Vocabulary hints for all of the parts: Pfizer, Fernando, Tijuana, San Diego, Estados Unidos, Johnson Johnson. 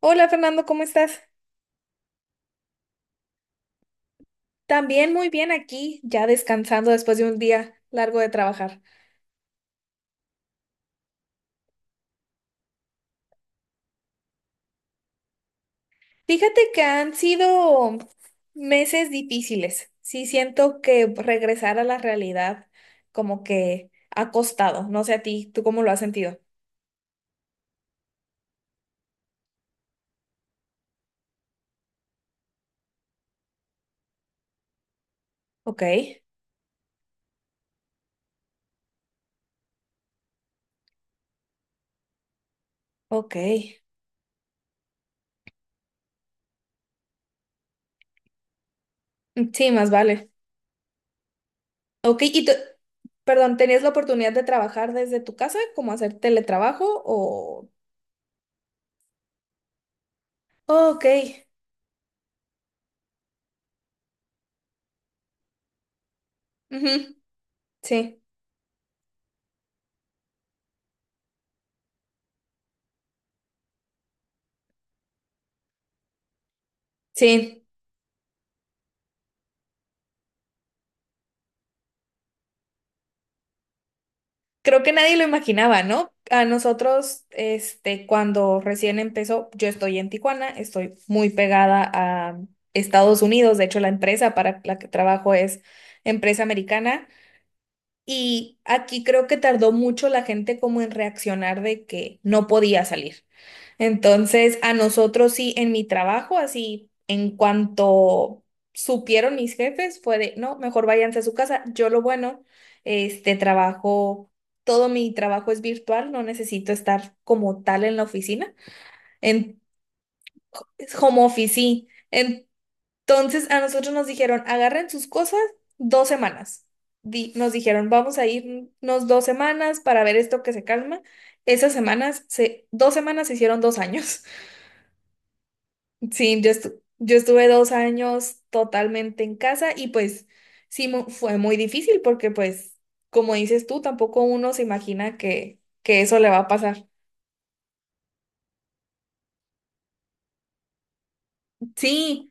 Hola Fernando, ¿cómo estás? También muy bien aquí, ya descansando después de un día largo de trabajar. Fíjate que han sido meses difíciles. Sí, siento que regresar a la realidad como que ha costado. No sé a ti, ¿tú cómo lo has sentido? Ok, ok. Sí, más vale. Ok, y tú, perdón, ¿tenías la oportunidad de trabajar desde tu casa, como hacer teletrabajo o...? Ok. Ujú. Sí, sí. Creo que nadie lo imaginaba, ¿no? A nosotros, cuando recién empezó, yo estoy en Tijuana, estoy muy pegada a Estados Unidos. De hecho, la empresa para la que trabajo es empresa americana, y aquí creo que tardó mucho la gente como en reaccionar de que no podía salir. Entonces, a nosotros sí, en mi trabajo, así, en cuanto supieron mis jefes, fue de, no, mejor váyanse a su casa. Yo lo bueno, este trabajo, todo mi trabajo es virtual, no necesito estar como tal en la oficina, en es home office, sí. Entonces, a nosotros nos dijeron, agarren sus cosas 2 semanas. Nos dijeron, vamos a irnos 2 semanas para ver esto que se calma. Esas semanas, 2 semanas se hicieron 2 años. Sí, yo, yo estuve 2 años totalmente en casa, y pues fue muy difícil porque, pues, como dices tú, tampoco uno se imagina que eso le va a pasar. Sí,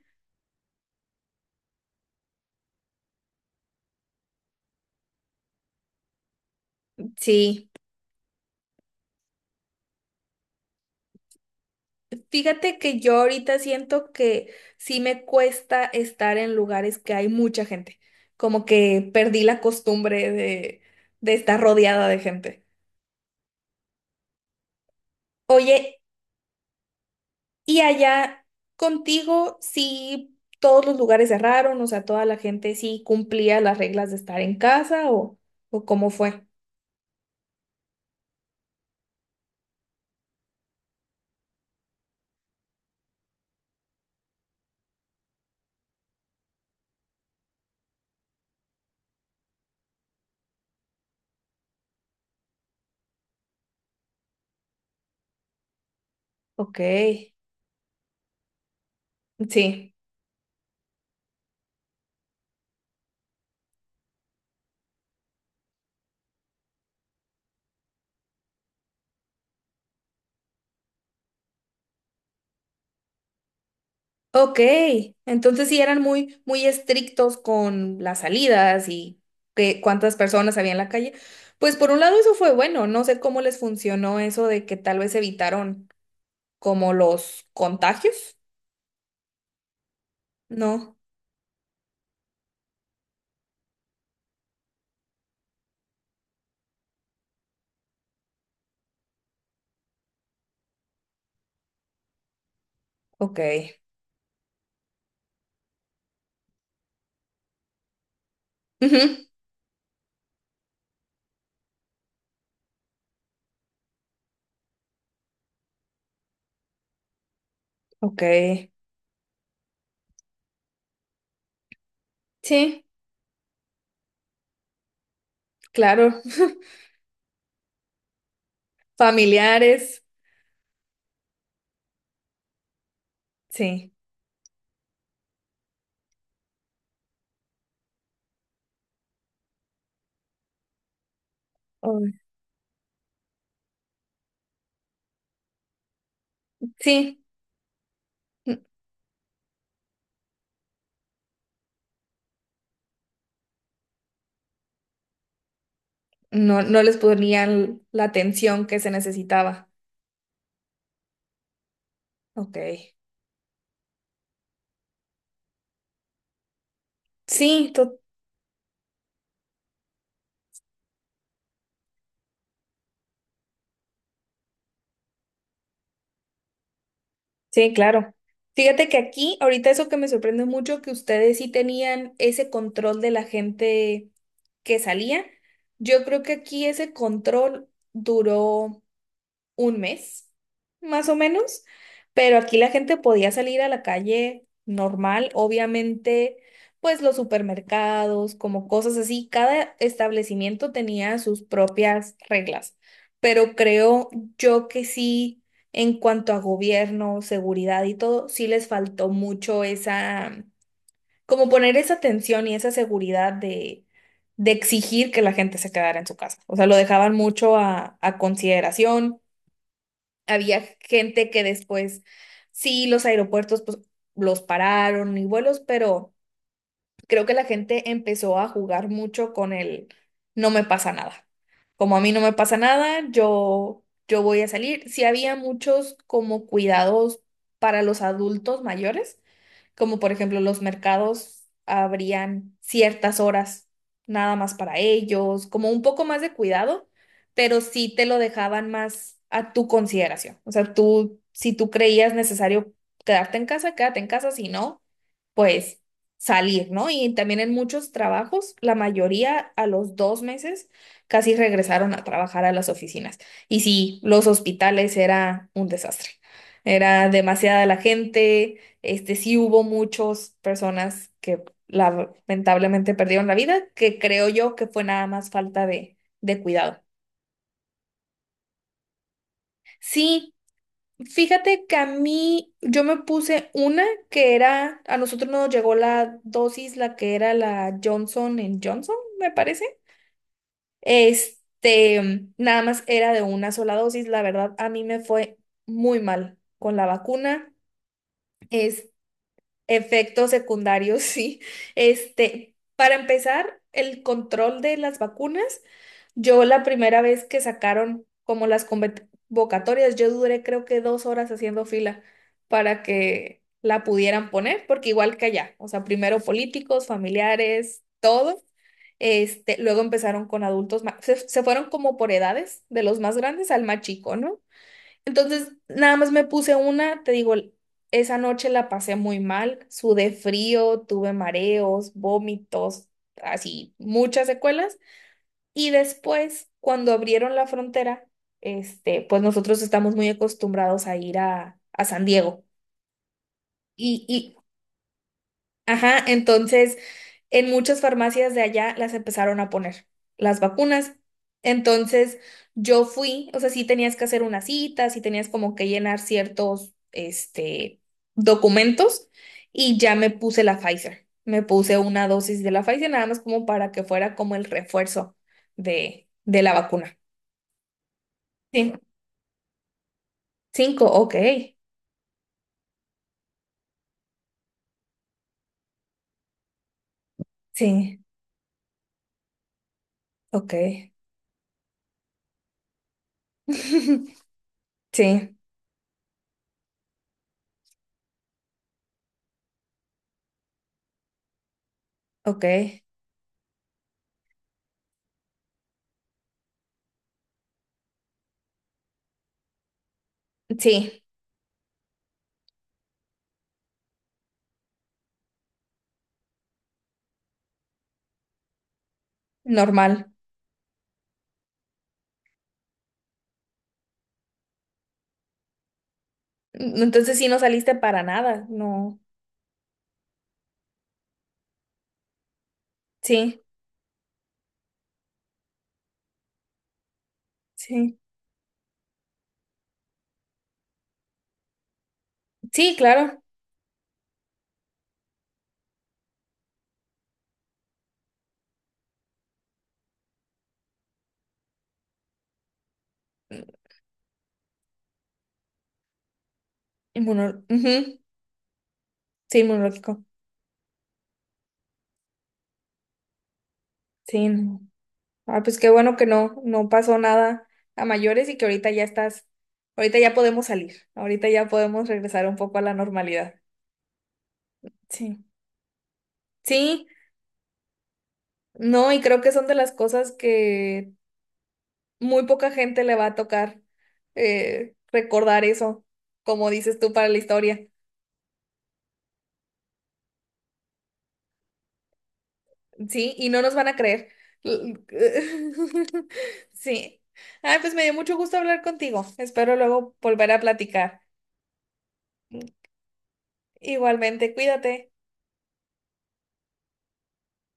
sí. Fíjate que yo ahorita siento que sí me cuesta estar en lugares que hay mucha gente, como que perdí la costumbre de estar rodeada de gente. Oye, y allá contigo, sí, todos los lugares cerraron, o sea, toda la gente sí cumplía las reglas de estar en casa, o cómo fue. Ok, sí, ok. Entonces sí eran muy, muy estrictos con las salidas y cuántas personas había en la calle. Pues por un lado eso fue bueno, no sé cómo les funcionó eso de que tal vez evitaron como los contagios. No, ok. Ujú. Ok, sí, claro. Familiares. Sí. Ay. Sí, n- no, no les ponían la atención que se necesitaba. Ok. Sí, sí, claro. Fíjate que aquí, ahorita, eso que me sorprende mucho, que ustedes sí tenían ese control de la gente que salía. Yo creo que aquí ese control duró un mes, más o menos, pero aquí la gente podía salir a la calle normal, obviamente. Pues los supermercados, como cosas así, cada establecimiento tenía sus propias reglas, pero creo yo que sí, en cuanto a gobierno, seguridad y todo, sí les faltó mucho esa, como poner esa atención y esa seguridad de exigir que la gente se quedara en su casa. O sea, lo dejaban mucho a consideración, había gente que después, sí, los aeropuertos pues, los pararon y vuelos, pero creo que la gente empezó a jugar mucho con el no me pasa nada. Como a mí no me pasa nada, yo voy a salir. Sí había muchos como cuidados para los adultos mayores, como por ejemplo los mercados abrían ciertas horas nada más para ellos, como un poco más de cuidado. Pero sí te lo dejaban más a tu consideración. O sea, si tú creías necesario quedarte en casa, quédate en casa; si no, pues salir, ¿no? Y también en muchos trabajos, la mayoría a los 2 meses casi regresaron a trabajar a las oficinas. Y sí, los hospitales era un desastre. Era demasiada la gente, sí hubo muchas personas que lamentablemente perdieron la vida, que creo yo que fue nada más falta de cuidado. Sí, fíjate que a mí yo me puse una que era, a nosotros nos llegó la dosis, la que era la Johnson Johnson, me parece. Este, Nada más era de una sola dosis. La verdad, a mí me fue muy mal con la vacuna. Efectos secundarios, sí. Para empezar, el control de las vacunas. Yo la primera vez que sacaron como las convocatorias, yo duré creo que 2 horas haciendo fila para que la pudieran poner, porque igual que allá, o sea, primero políticos, familiares, todo. Luego empezaron con adultos, se fueron como por edades, de los más grandes al más chico, ¿no? Entonces, nada más me puse una, te digo, esa noche la pasé muy mal, sudé frío, tuve mareos, vómitos, así, muchas secuelas. Y después, cuando abrieron la frontera, pues nosotros estamos muy acostumbrados a ir a San Diego. Y, ajá, entonces en muchas farmacias de allá las empezaron a poner, las vacunas. Entonces yo fui, o sea, sí tenías que hacer una cita, sí tenías como que llenar ciertos, documentos, y ya me puse la Pfizer. Me puse una dosis de la Pfizer nada más como para que fuera como el refuerzo de la vacuna. Sí, cinco, ok. Sí, ok. Sí, ok. Sí, normal. Entonces, sí, no saliste para nada, no. Sí, sí. Sí, claro. Ujú. Sí, inmunológico. Sí, no. Ah, pues qué bueno que no pasó nada a mayores y que ahorita ya estás, ahorita ya podemos salir, ahorita ya podemos regresar un poco a la normalidad. Sí. Sí, no, y creo que son de las cosas que muy poca gente le va a tocar recordar eso, como dices tú, para la historia. Sí, y no nos van a creer. Sí. Ay, pues me dio mucho gusto hablar contigo. Espero luego volver a platicar. Igualmente, cuídate.